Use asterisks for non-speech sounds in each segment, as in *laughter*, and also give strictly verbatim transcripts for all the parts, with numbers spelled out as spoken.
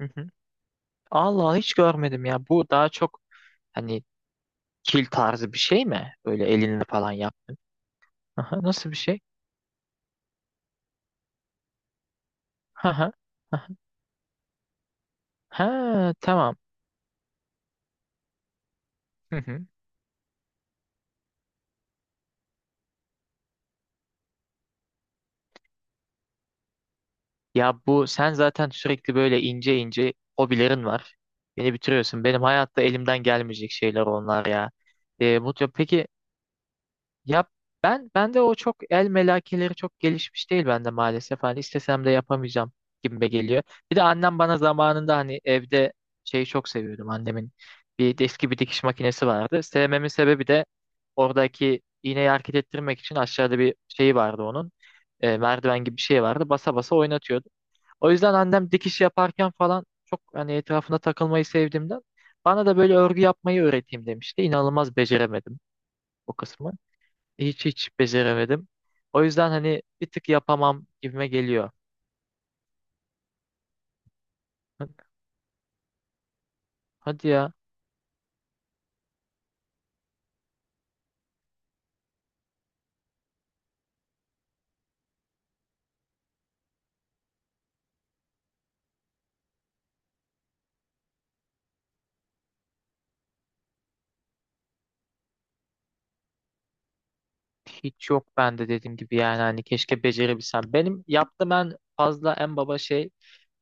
Hı hı. Allah hiç görmedim ya. Bu daha çok hani kil tarzı bir şey mi? Böyle elinle falan yaptın. Aha, nasıl bir şey? Ha ha. Ha tamam. *laughs* Ya bu sen zaten sürekli böyle ince ince hobilerin var. Beni bitiriyorsun. Benim hayatta elimden gelmeyecek şeyler onlar ya. E, mutlu. Peki yap, ben ben de o çok el melekeleri çok gelişmiş değil bende maalesef. Hani istesem de yapamayacağım gibime geliyor. Bir de annem bana zamanında hani evde şeyi çok seviyordum. Annemin bir eski bir dikiş makinesi vardı. Sevmemin sebebi de oradaki iğneyi hareket ettirmek için aşağıda bir şeyi vardı onun. E, merdiven gibi bir şey vardı. Basa basa oynatıyordu. O yüzden annem dikiş yaparken falan çok hani etrafına takılmayı sevdiğimden bana da böyle örgü yapmayı öğreteyim demişti. İnanılmaz beceremedim o kısmı. Hiç hiç beceremedim. O yüzden hani bir tık yapamam gibime geliyor. Hadi ya, hiç yok bende dediğim gibi yani hani keşke becerebilsem. Benim yaptığım en fazla en baba şey,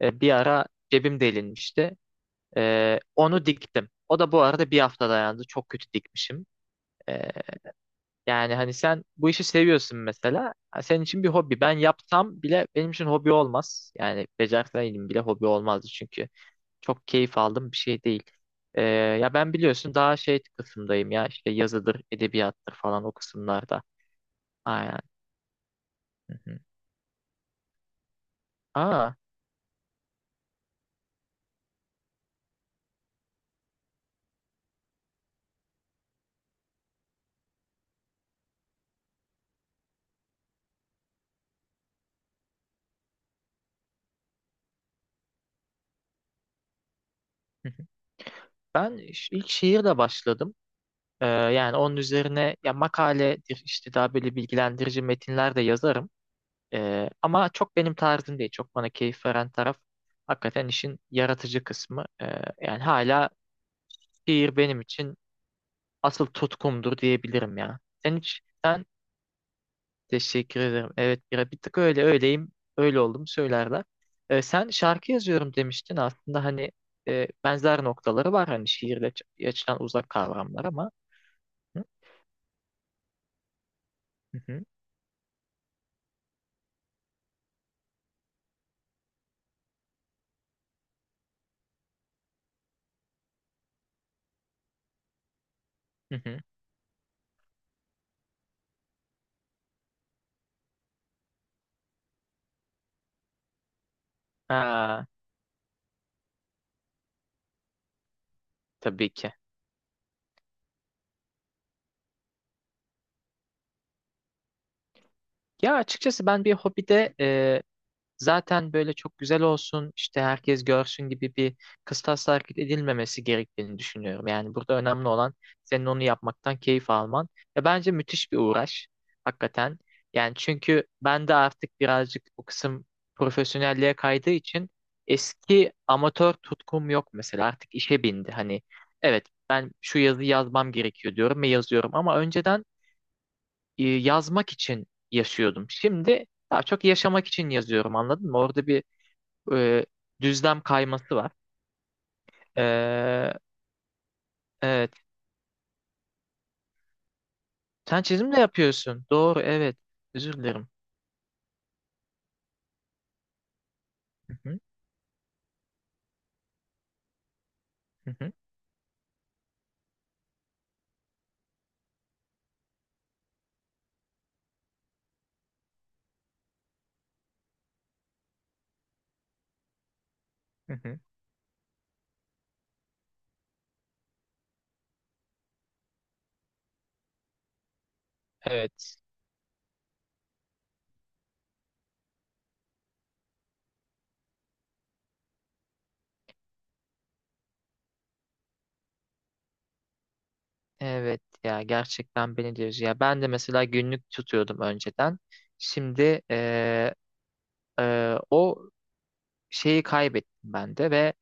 e, bir ara cebim delinmişti. E, onu diktim. O da bu arada bir hafta dayandı. Çok kötü dikmişim. E, Yani hani sen bu işi seviyorsun mesela. Ha, senin için bir hobi. Ben yapsam bile benim için hobi olmaz. Yani becerseydim bile hobi olmazdı çünkü çok keyif aldığım bir şey değil. Ee, ya ben biliyorsun daha şey kısımdayım ya işte yazıdır, edebiyattır falan o kısımlarda. Aynen. Hı hı. Aa, hı hı. ben iş- ilk şiirle başladım. Ee, yani onun üzerine ya makaledir işte daha böyle bilgilendirici metinler de yazarım. Ee, ama çok benim tarzım değil. Çok bana keyif veren taraf hakikaten işin yaratıcı kısmı. Ee, yani hala şiir benim için asıl tutkumdur diyebilirim ya. Sen hiç sen teşekkür ederim. Evet bir, bir tık öyle öyleyim. Öyle oldum söylerler. Ee, sen şarkı yazıyorum demiştin aslında hani e, benzer noktaları var hani şiirle ç- açılan uzak kavramlar ama hı hı hı. Hı. Ha, tabii ki. Ya açıkçası ben bir hobide zaten böyle çok güzel olsun işte herkes görsün gibi bir kıstasla hareket edilmemesi gerektiğini düşünüyorum. Yani burada önemli olan senin onu yapmaktan keyif alman ve bence müthiş bir uğraş hakikaten. Yani çünkü ben de artık birazcık bu kısım profesyonelliğe kaydığı için eski amatör tutkum yok mesela artık işe bindi. Hani evet ben şu yazıyı yazmam gerekiyor diyorum ve yazıyorum ama önceden e, yazmak için yaşıyordum. Şimdi daha çok yaşamak için yazıyorum anladın mı? Orada bir e, düzlem kayması var. Ee, evet. Sen çizim de yapıyorsun. Doğru, evet. Özür dilerim. Hı hı, hı hı, hı hı. Evet. Evet ya gerçekten beni de üzüyor. Ya ben de mesela günlük tutuyordum önceden. Şimdi e, e, o şeyi kaybettim ben de ve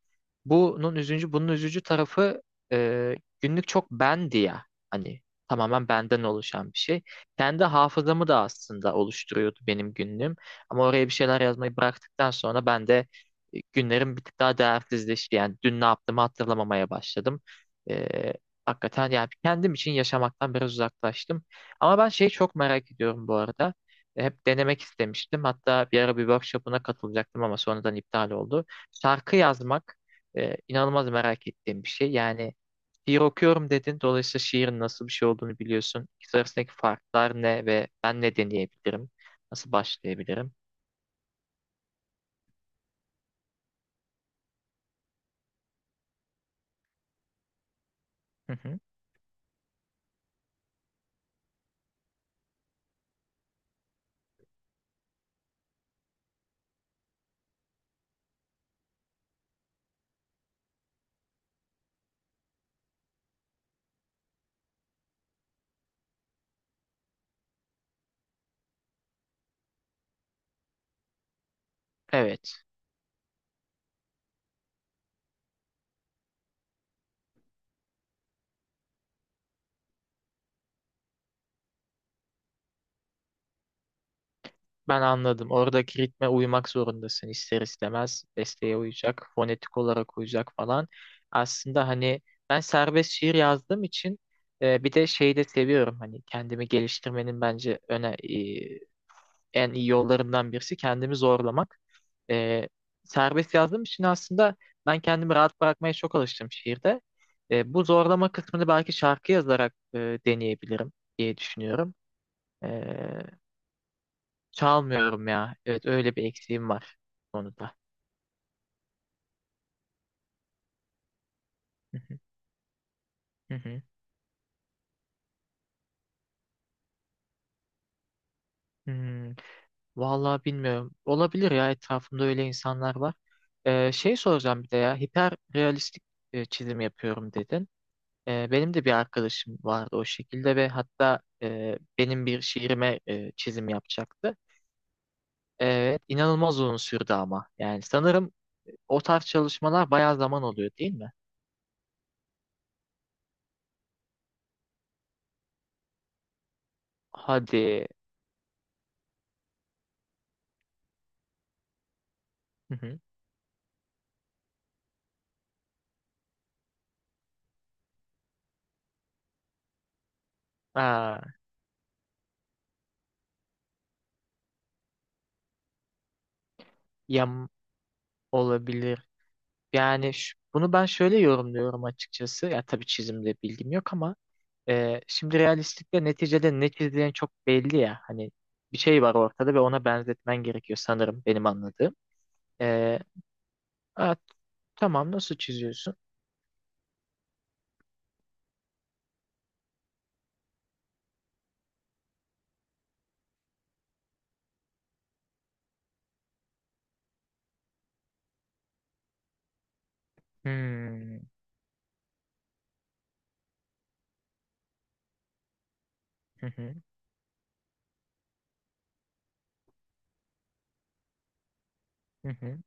bunun üzücü, bunun üzücü tarafı, e, günlük çok bendi ya. Hani tamamen benden oluşan bir şey. Kendi hafızamı da aslında oluşturuyordu benim günlüğüm. Ama oraya bir şeyler yazmayı bıraktıktan sonra ben de e, günlerim bir tık daha değersizleşti. Yani dün ne yaptığımı hatırlamamaya başladım. E, Hakikaten yani kendim için yaşamaktan biraz uzaklaştım. Ama ben şeyi çok merak ediyorum bu arada. E, Hep denemek istemiştim. Hatta bir ara bir workshop'una katılacaktım ama sonradan iptal oldu. Şarkı yazmak ee, inanılmaz merak ettiğim bir şey. Yani şiir okuyorum dedin. Dolayısıyla şiirin nasıl bir şey olduğunu biliyorsun. İkisi arasındaki farklar ne ve ben ne deneyebilirim? Nasıl başlayabilirim? Hı hı. Evet. Ben anladım. Oradaki ritme uymak zorundasın ister istemez. Besteye uyacak, fonetik olarak uyacak falan. Aslında hani ben serbest şiir yazdığım için e, bir de şeyi de seviyorum. Hani kendimi geliştirmenin bence öne, en iyi yollarımdan birisi kendimi zorlamak. E, Serbest yazdığım için aslında ben kendimi rahat bırakmaya çok alıştım şiirde. E, bu zorlama kısmını belki şarkı yazarak e, deneyebilirim diye düşünüyorum. E, Çalmıyorum ya. Evet öyle bir eksiğim var bu konuda. Hı hı, hı hı. Hmm, vallahi bilmiyorum. Olabilir ya, etrafımda öyle insanlar var. E, şey soracağım bir de, ya hiperrealistik e, çizim yapıyorum dedin. E, benim de bir arkadaşım vardı o şekilde ve hatta e, benim bir şiirime e, çizim yapacaktı. Evet, inanılmaz uzun sürdü ama. Yani sanırım o tarz çalışmalar bayağı zaman oluyor değil mi? Hadi. Hı hı. Aa, yam olabilir. Yani ş- bunu ben şöyle yorumluyorum açıkçası. Ya tabii çizimde bilgim yok ama e, şimdi realistlikle neticede ne çizdiğin çok belli ya. Hani bir şey var ortada ve ona benzetmen gerekiyor sanırım benim anladığım. Evet, tamam, nasıl çiziyorsun? Hmm, hı hı, hı hı.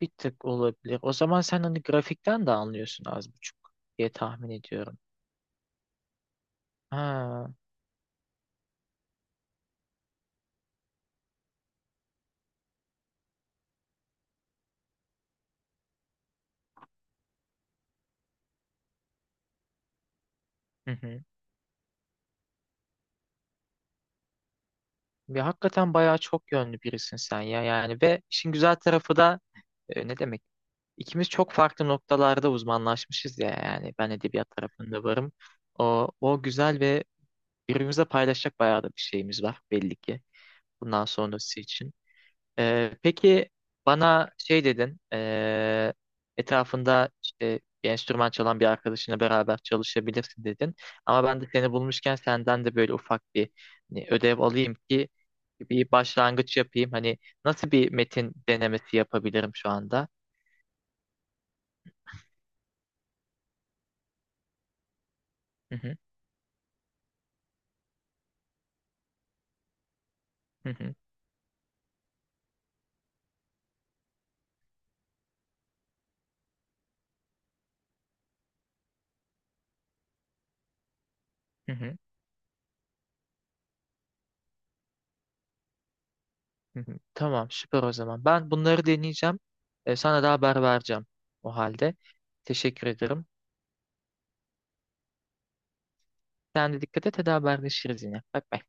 Bir tık olabilir. O zaman sen hani grafikten de anlıyorsun az buçuk diye tahmin ediyorum. Ha, hı hı. Ve hakikaten bayağı çok yönlü birisin sen ya yani ve işin güzel tarafı da e, ne demek? İkimiz çok farklı noktalarda uzmanlaşmışız ya yani ben edebiyat tarafında varım. O, o güzel ve birbirimize paylaşacak bayağı da bir şeyimiz var belli ki bundan sonrası için. Ee, peki bana şey dedin, ee, etrafında işte bir enstrüman çalan bir arkadaşınla beraber çalışabilirsin dedin. Ama ben de seni bulmuşken senden de böyle ufak bir hani ödev alayım ki bir başlangıç yapayım. Hani nasıl bir metin denemesi yapabilirim şu anda? Hı hı, hı hı, hı hı, hı hı. Tamam, süper o zaman. Ben bunları deneyeceğim. Ee, sana da haber vereceğim o halde. Teşekkür ederim. Sen de dikkat et, hadi haberleşiriz yine. Bye bye.